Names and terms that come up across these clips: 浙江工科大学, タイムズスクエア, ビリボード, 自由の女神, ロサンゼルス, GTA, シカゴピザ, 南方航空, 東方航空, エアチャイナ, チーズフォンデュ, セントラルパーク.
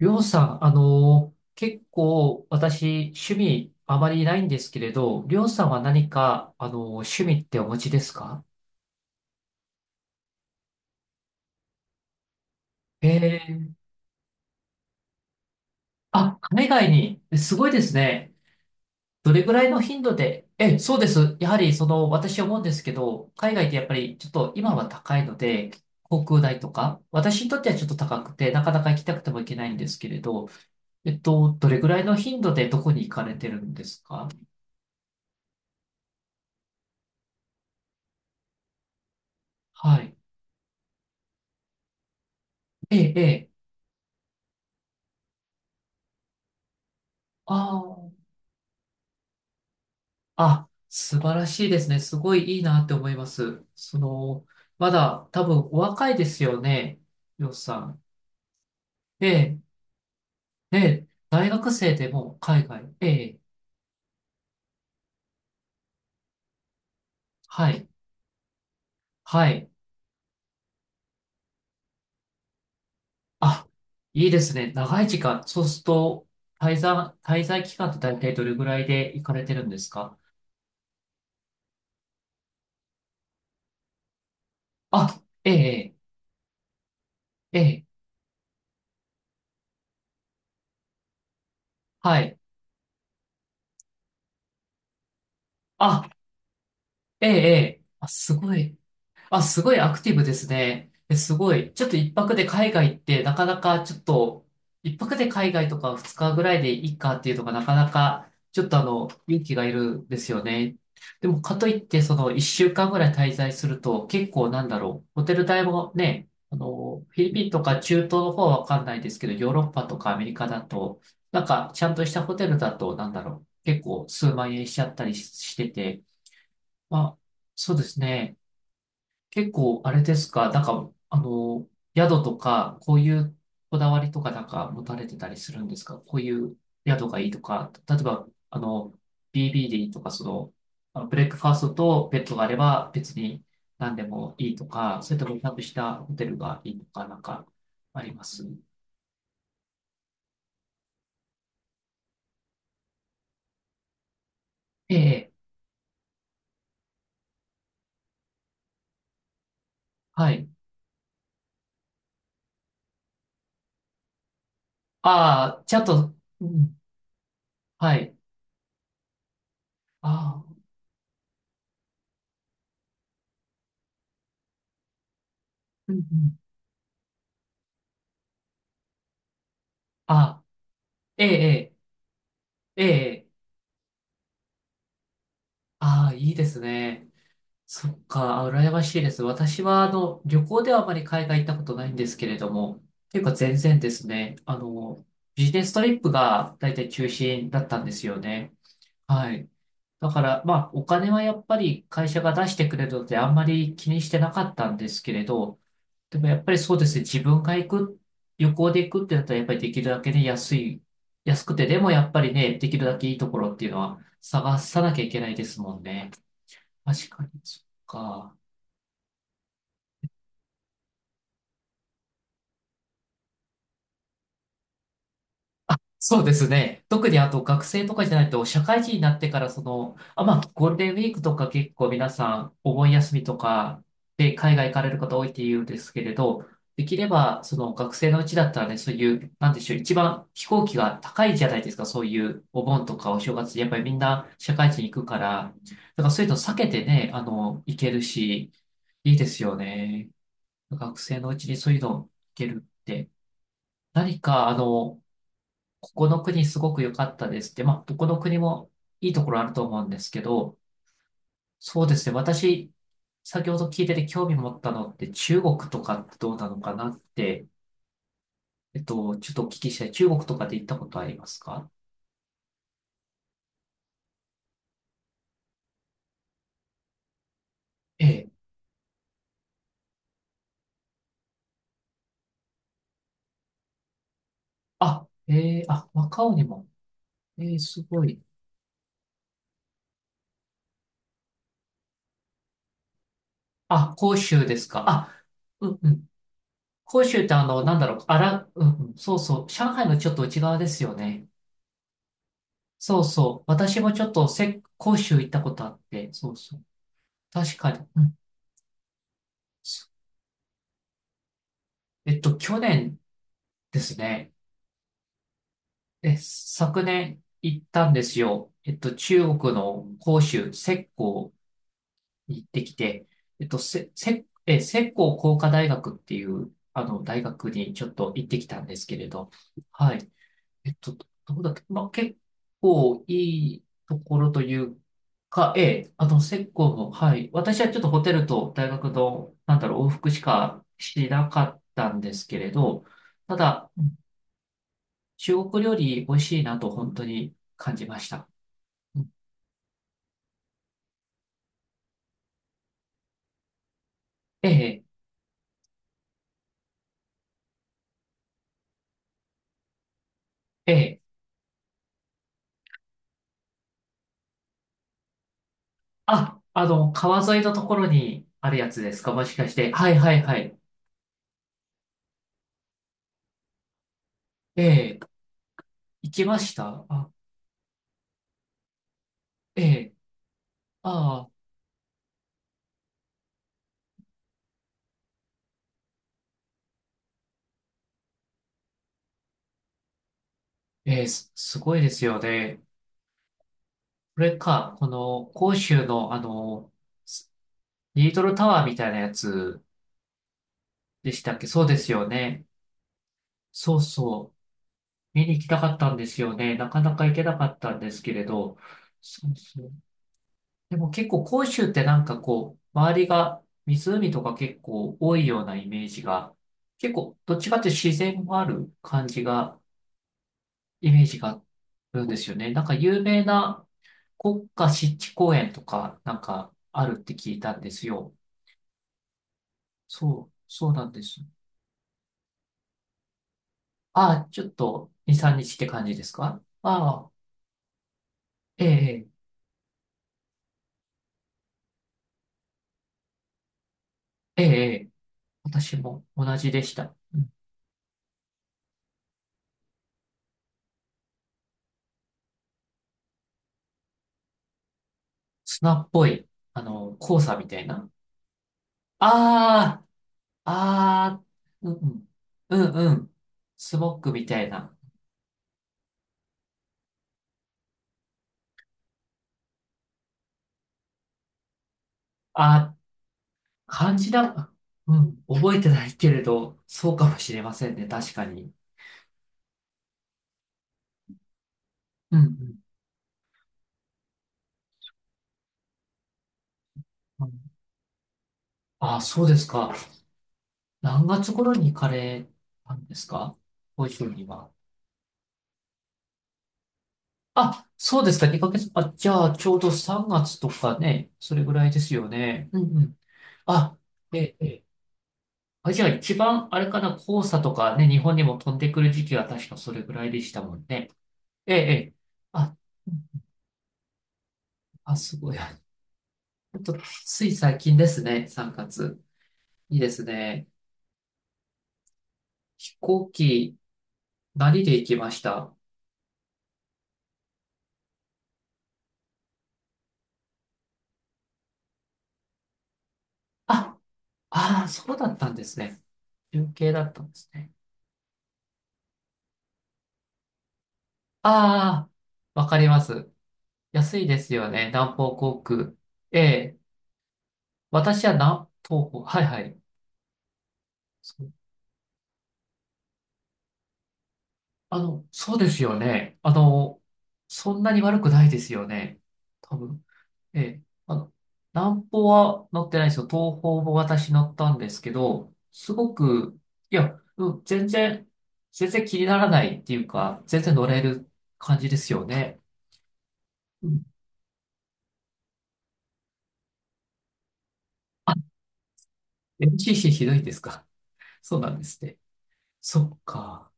りょうさん、結構私、趣味あまりないんですけれど、りょうさんは何か、趣味ってお持ちですか？ええ。あ、海外に、すごいですね。どれぐらいの頻度で、そうです。やはり、私思うんですけど、海外ってやっぱりちょっと今は高いので、航空代とか、私にとってはちょっと高くて、なかなか行きたくても行けないんですけれど、どれぐらいの頻度でどこに行かれてるんですか？はい。ええ、ええ。ああ。あ、素晴らしいですね。すごいいいなって思います。まだ多分お若いですよね、りょうさん。ええ、ええ、大学生でも海外。ええ、はい、はい。あ、いいですね。長い時間。そうすると、滞在、滞在期間って大体どれぐらいで行かれてるんですか？あ、ええ、ええ、ええ。はい。あ、ええ、ええ、あ、すごい。あ、すごいアクティブですね。え、すごい。ちょっと一泊で海外ってなかなかちょっと、一泊で海外とか二日ぐらいでいいかっていうのがなかなか、ちょっと勇気がいるんですよね。でも、かといって、その一週間ぐらい滞在すると、結構なんだろう。ホテル代もね、フィリピンとか中東の方はわかんないですけど、ヨーロッパとかアメリカだと、なんかちゃんとしたホテルだと、なんだろう。結構数万円しちゃったりしてて、まあ、そうですね。結構、あれですか、なんか、宿とか、こういうこだわりとかなんか持たれてたりするんですか？こういう宿がいいとか、例えば、BBD とか、ブレックファーストとベッドがあれば別に何でもいいとか、それともちゃんとしたホテルがいいとか、なんかあります？ええ、はい。ああ、ちゃんと、うん、はい。ああ、うんうん、ああ、ええ、ええ、ええ。ああ、いいですね。そっか、羨ましいです。私は、旅行ではあまり海外行ったことないんですけれども、っていうか全然ですね、ビジネストリップが大体中心だったんですよね。はい。だから、まあ、お金はやっぱり会社が出してくれるのであんまり気にしてなかったんですけれど、でもやっぱりそうですね、自分が行く、旅行で行くってなったらやっぱりできるだけね、安い、安くて、でもやっぱりね、できるだけいいところっていうのは探さなきゃいけないですもんね。確かに、そっか。そうですね。特にあと学生とかじゃないと、社会人になってからその、まあ、ゴールデンウィークとか結構皆さんお盆休みとかで海外行かれる方多いって言うんですけれど、できればその学生のうちだったらね、そういう、なんでしょう、一番飛行機が高いじゃないですか、そういうお盆とかお正月、やっぱりみんな社会人行くから、だからそういうの避けてね、行けるし、いいですよね。学生のうちにそういうの行けるって。何か、ここの国すごく良かったですって、まあ、どこの国もいいところあると思うんですけど、そうですね、私、先ほど聞いてて興味持ったのって中国とかってどうなのかなって、ちょっとお聞きしたい。中国とかで行ったことありますか？ええ。あ、ええ、あ、若尾にも。ええ、すごい。あ、広州ですか。あ、うんうん。広州ってなんだろう、あら、うんうん、そうそう。上海のちょっと内側ですよね。そうそう。私もちょっと広州行ったことあって、そうそう。確かに。うん。去年ですね。で、昨年行ったんですよ。中国の広州、浙江に行ってきて、えっと、せ、せ、え、浙江工科大学っていう、大学にちょっと行ってきたんですけれど、はい。どこだっけ？まあ、結構いいところというか、ええ、セッも、はい。私はちょっとホテルと大学の、なんだろう、往復しかしなかったんですけれど、ただ、うん、中国料理美味しいなと本当に感じました。うん、ええ、ええ。あ、川沿いのところにあるやつですか？もしかして。はいはいはい。ええ、行きました。あ、ええ、ああ、ええ、すすごいですよね。これか、広州の、リートルタワーみたいなやつでしたっけ？そうですよね。そうそう。見に行きたかったんですよね。なかなか行けなかったんですけれど。そうそう。でも結構広州ってなんかこう、周りが湖とか結構多いようなイメージが、結構どっちかっていうと自然もある感じが、イメージがあるんですよね。なんか有名な国家湿地公園とかなんかあるって聞いたんですよ。そう、そうなんです。ああ、ちょっと、2、3日って感じですか？ああ、ええ、ええ、ええ。私も同じでした。うん。砂っぽい、黄砂みたいな。ああ、ああ、うんうん、うんうん、スモッグみたいな。ああ、感じだ。うん、覚えてないけれど、そうかもしれませんね、確かに。うんうん。ああ、そうですか。何月頃に行かれたんですか？ご自身には。あ、そうですか、2ヶ月。あ、じゃあ、ちょうど3月とかね、それぐらいですよね。うんうん。あ、え、え、あ、じゃあ一番、あれかな、黄砂とかね、日本にも飛んでくる時期は確かそれぐらいでしたもんね。ええ、ええ。あ、うん、あ、すごい。ほっと、つい最近ですね、3月。いいですね。飛行機、何で行きました？あ、ああ、そうだったんですね。中継だったんですね。ああ、わかります。安いですよね。南方航空。ええ。私は南東方。はいはい。そう、そうですよね。そんなに悪くないですよね。多分。ええ。南方は乗ってないですよ。東方も私乗ったんですけど、すごく、いや、うん、全然、全然気にならないっていうか、全然乗れる感じですよね。うん。あ、LCC ひどいですか？そうなんですね。そっか。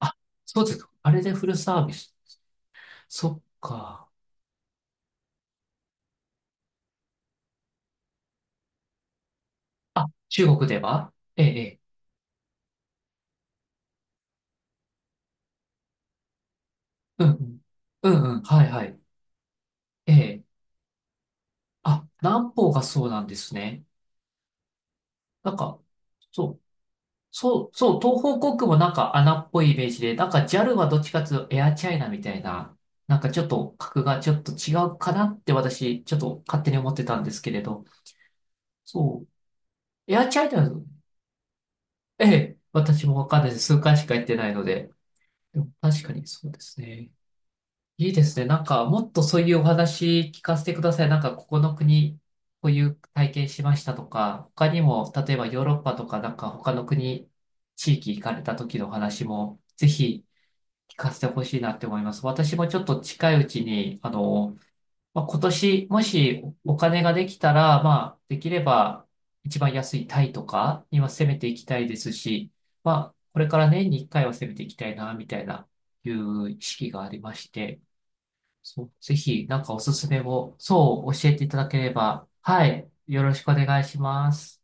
あ、そうですか。あれでフルサービス。そっか。あ、中国ではええ、ええ。うんうん。うんうん。はいはい。ええ。あ、南方がそうなんですね。なんか、そう、そう、東方航空もなんか穴っぽいイメージで、なんか JAL はどっちかっていうとエアチャイナみたいな、なんかちょっと格がちょっと違うかなって私、ちょっと勝手に思ってたんですけれど。そう。エアチャイナ、ええ、私もわかんないです。数回しか行ってないので。でも確かにそうですね。いいですね。なんか、もっとそういうお話聞かせてください。なんか、ここの国、こういう体験しましたとか、他にも、例えばヨーロッパとか、なんか他の国、地域行かれた時のお話も、ぜひ聞かせてほしいなって思います。私もちょっと近いうちに、まあ、今年、もしお金ができたら、まあ、できれば、一番安いタイとか、今攻めていきたいですし、まあ、これから年に1回は攻めていきたいな、みたいな、いう意識がありまして、そう、ぜひ、なんかおすすめを、そう、教えていただければ、はい、よろしくお願いします。